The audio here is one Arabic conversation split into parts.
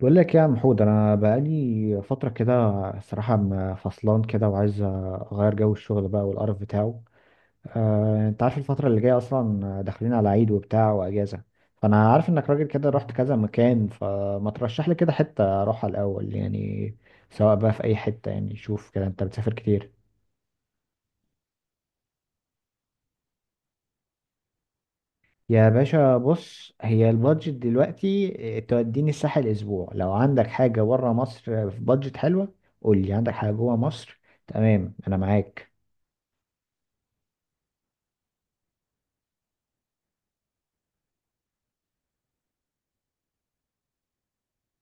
بقول لك يا محمود، انا بقالي فتره كده. الصراحه فصلان كده، وعايز اغير جو الشغل بقى والقرف بتاعه. انت عارف الفتره اللي جايه اصلا داخلين على عيد وبتاع واجازه. فانا عارف انك راجل كده رحت كذا مكان، فما ترشح لي كده حته اروحها الاول يعني؟ سواء بقى في اي حته، يعني شوف كده، انت بتسافر كتير. يا باشا بص، هي البادجت دلوقتي توديني الساحل اسبوع. لو عندك حاجه بره مصر في بادجت حلوه قول لي. عندك حاجه جوه مصر؟ تمام، انا معاك.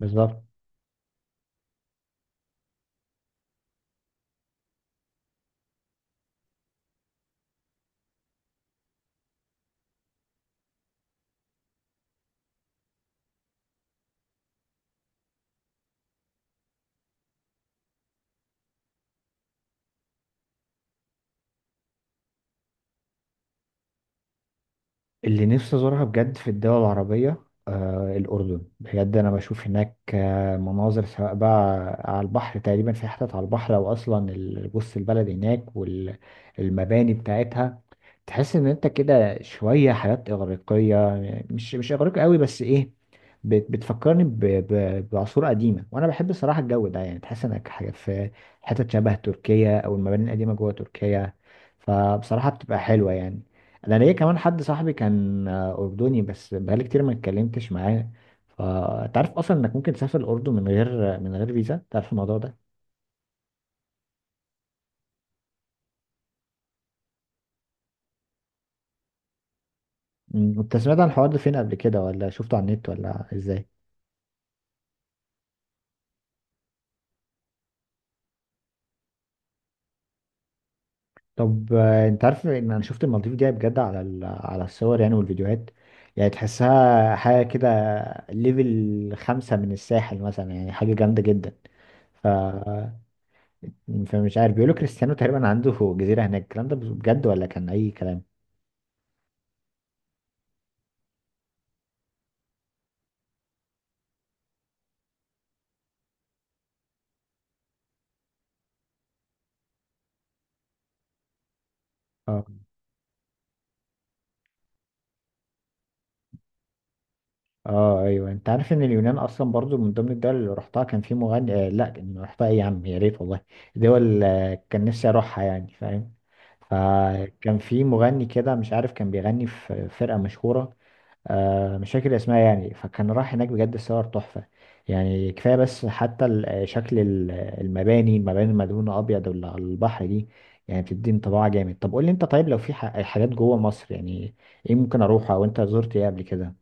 بالظبط. اللي نفسي ازورها بجد في الدول العربية الأردن. بجد أنا بشوف هناك مناظر، سواء بقى على البحر تقريبا، في حتت على البحر، أو أصلا بص البلد هناك والمباني بتاعتها تحس إن أنت كده شوية حياة إغريقية. مش إغريقي قوي، بس إيه، بتفكرني بعصور قديمة، وأنا بحب صراحة الجو ده. يعني تحس إنك حاجة في حتت شبه تركيا، أو المباني القديمة جوه تركيا. فبصراحة بتبقى حلوة يعني. انا ليا كمان حد صاحبي كان اردني، بس بقالي كتير ما اتكلمتش معاه. فانت عارف اصلا انك ممكن تسافر الاردن من غير فيزا؟ تعرف الموضوع ده؟ انت سمعت عن الحوار ده فين قبل كده؟ ولا شفته على النت؟ ولا ازاي؟ طب انت عارف ان انا شفت المالديف دي بجد على على الصور يعني والفيديوهات. يعني تحسها حاجه كده، ليفل خمسة من الساحل مثلا، يعني حاجه جامده جدا. ف فمش عارف، بيقولوا كريستيانو تقريبا عنده جزيره هناك، الكلام ده بجد ولا كان اي كلام؟ اه ايوه، انت عارف ان اليونان اصلا برضو من ضمن الدول اللي رحتها؟ كان في مغني آه لا، كان رحتها ايه يا عم؟ يا ريت والله، دول كان نفسي اروحها يعني، فاهم. فكان في مغني كده، مش عارف، كان بيغني في فرقة مشهورة. مش فاكر اسمها يعني. فكان راح هناك بجد، الصور تحفة. يعني كفاية بس، حتى شكل المباني، المباني المدهونة أبيض واللي على البحر دي، يعني بتدي انطباع جامد. طب قول لي انت، طيب لو في حاجات جوه مصر يعني، ايه ممكن اروحها او انت زرت ايه قبل كده؟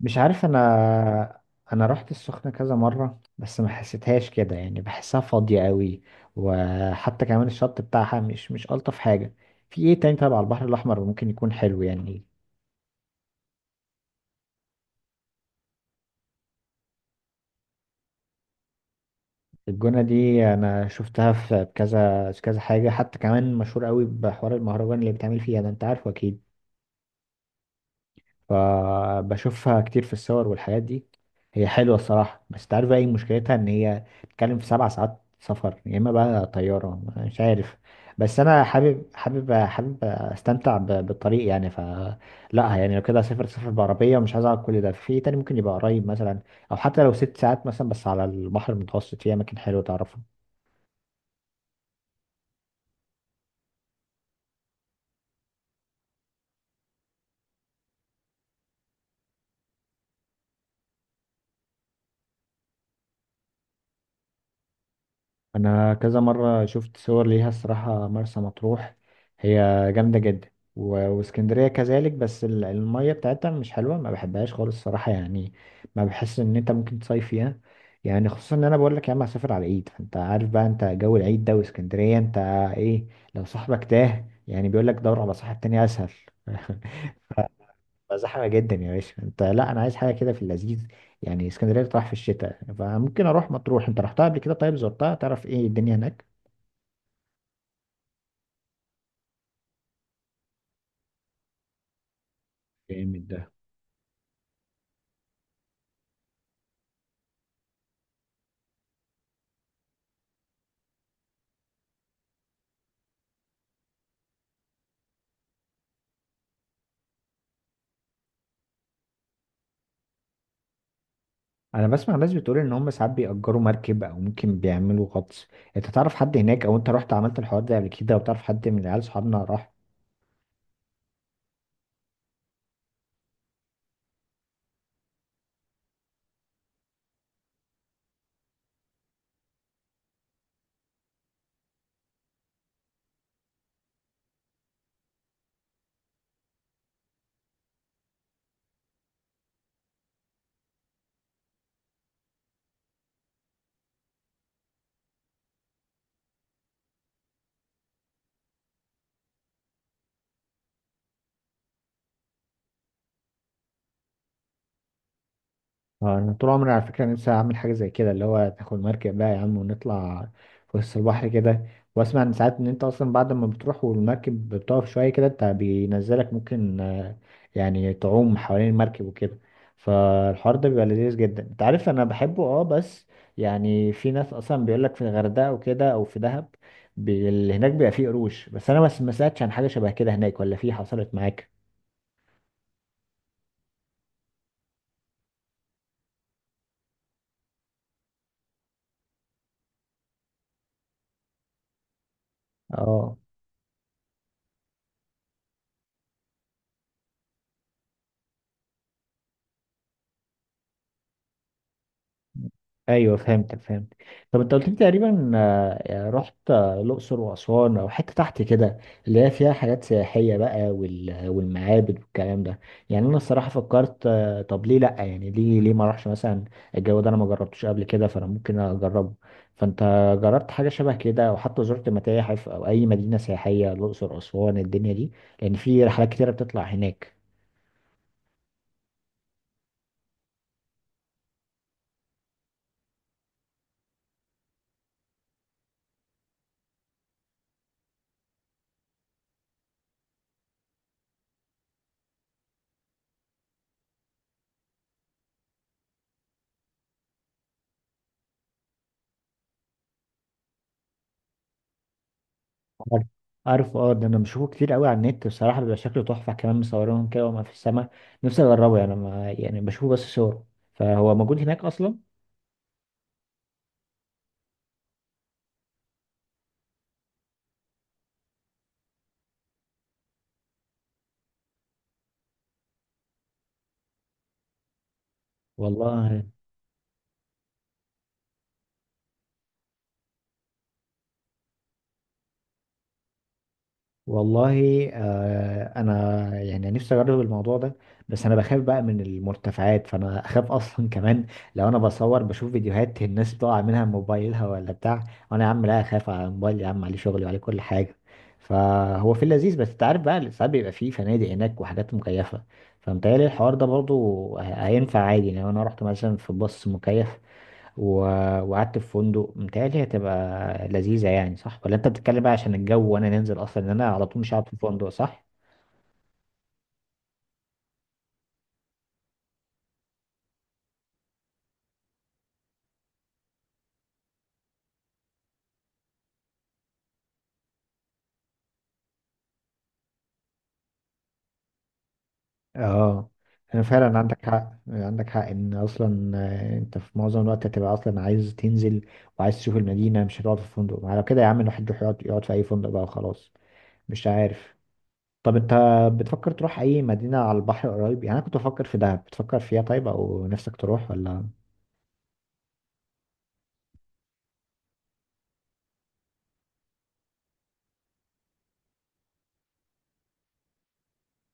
مش عارف انا. انا رحت السخنة كذا مرة، بس ما حسيتهاش كده، يعني بحسها فاضية قوي، وحتى كمان الشط بتاعها مش الطف حاجة. في ايه تاني؟ طبعا على البحر الاحمر ممكن يكون حلو يعني. الجونة دي انا شفتها في كذا في كذا حاجة، حتى كمان مشهور قوي بحوار المهرجان اللي بيتعمل فيها ده، انت عارفه اكيد. فبشوفها كتير في الصور والحاجات دي. هي حلوة الصراحة، بس تعرف بقى ايه مشكلتها؟ ان هي بتتكلم في 7 ساعات سفر، يا اما بقى طيارة، مش عارف. بس انا حابب استمتع بالطريق يعني. لا يعني، لو كده اسافر سفر بعربية ومش عايز اقعد كل ده، في تاني ممكن يبقى قريب مثلا، او حتى لو 6 ساعات مثلا، بس على البحر المتوسط في اماكن حلوة تعرف. انا كذا مره شفت صور ليها الصراحه، مرسى مطروح هي جامده جدا. واسكندريه كذلك، بس الميه بتاعتها مش حلوه، ما بحبهاش خالص الصراحه يعني. ما بحس ان انت ممكن تصيف فيها، يعني خصوصا ان انا بقول لك يا عم هسافر على العيد، فانت عارف بقى انت جو العيد ده واسكندريه، انت ايه؟ لو صاحبك تاه يعني بيقول لك دور على صاحب تاني اسهل. بقى زحمة جدا يا باشا. انت لا، انا عايز حاجة كده في اللذيذ. يعني اسكندرية بتروح في الشتاء، فممكن اروح مطروح. انت رحتها قبل كده؟ طيب زرتها؟ تعرف ايه الدنيا هناك؟ جامد ده. انا بسمع ناس بتقول ان هم ساعات بيأجروا مركب او ممكن بيعملوا غطس. انت تعرف حد هناك؟ او انت رحت عملت الحوار ده قبل كده؟ او تعرف حد من عيال صحابنا راح؟ اه، انا طول عمري على فكره نفسي اعمل حاجه زي كده، اللي هو تاخد مركب بقى يا عم ونطلع في وسط البحر كده. واسمع ان ساعات ان انت اصلا بعد ما بتروح والمركب بتقف شويه كده، انت بينزلك ممكن يعني تعوم حوالين المركب وكده. فالحوار ده بيبقى لذيذ جدا، انت عارف انا بحبه بس. يعني في ناس اصلا بيقول لك في الغردقه وكده، او في دهب اللي هناك بيبقى فيه قروش. بس انا بس ما سمعتش عن حاجه شبه كده هناك، ولا في حصلت معاك؟ اه ايوه، فهمتك فهمت. طب انت قلت لي تقريبا يعني رحت الاقصر واسوان او حته تحت كده، اللي هي فيها حاجات سياحيه بقى والمعابد والكلام ده. يعني انا الصراحه فكرت، طب ليه لا يعني؟ ليه ما اروحش مثلا؟ الجو ده انا ما جربتوش قبل كده، فانا ممكن اجربه. فانت جربت حاجه شبه كده، او حتى زرت متاحف او اي مدينه سياحيه؟ الاقصر، اسوان، الدنيا دي، لان في رحلات كتيره بتطلع هناك. عارف، عارف. اه، ده انا بشوفه كتير قوي على النت بصراحه، بيبقى شكله تحفه، كمان مصورينهم كده وما في السماء. نفسي اجربه، يعني ما يعني بشوفه بس صور. فهو موجود هناك اصلا. والله، والله. آه، انا يعني نفسي اجرب الموضوع ده، بس انا بخاف بقى من المرتفعات، فانا اخاف اصلا كمان. لو انا بصور بشوف فيديوهات الناس بتقع منها من موبايلها ولا بتاع، وانا يا عم لا، اخاف على موبايل، يا عم عليه شغلي وعليه كل حاجه. فهو في اللذيذ. بس انت عارف بقى ساعات بيبقى فيه فنادق هناك وحاجات مكيفه، فمتهيألي الحوار ده برضو هينفع عادي. يعني لو انا رحت مثلا في باص مكيف و... وقعدت في فندق، متهيألي هتبقى لذيذة، يعني صح؟ ولا انت بتتكلم بقى عشان الجو، وانا ننزل اصلا، ان انا على طول مش قاعد في فندق، صح؟ اه، انا فعلا عندك حق، عندك حق ان اصلا انت في معظم الوقت هتبقى اصلا عايز تنزل، وعايز تشوف المدينة، مش هتقعد في فندق. على كده يا عم، الواحد يروح يقعد في اي فندق بقى وخلاص، مش عارف. طب انت بتفكر تروح اي مدينة على البحر قريب يعني؟ انا كنت بفكر في دهب، بتفكر فيها طيب؟ او نفسك تروح ولا؟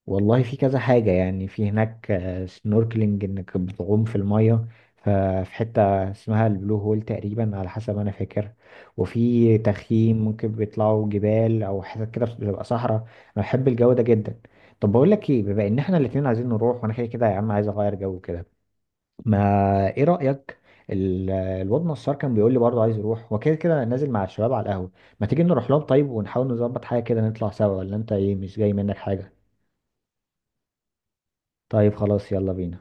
والله في كذا حاجة يعني في هناك، سنوركلينج انك بتعوم في المية، ف- في حتة اسمها البلو هول تقريبا على حسب ما انا فاكر، وفي تخييم، ممكن بيطلعوا جبال او حتت كده بتبقى صحراء، انا بحب الجو ده جدا. طب بقول لك ايه، بما ان احنا الاتنين عايزين نروح، وانا كده كده يا عم عايز اغير جو كده، ما ايه رأيك؟ الواد نصار كان بيقول لي برضه عايز يروح، وكده كده نازل مع الشباب على القهوة، ما تيجي نروح لهم طيب ونحاول نظبط حاجة كده نطلع سوا؟ ولا انت ايه، مش جاي منك حاجة؟ طيب خلاص، يلا بينا.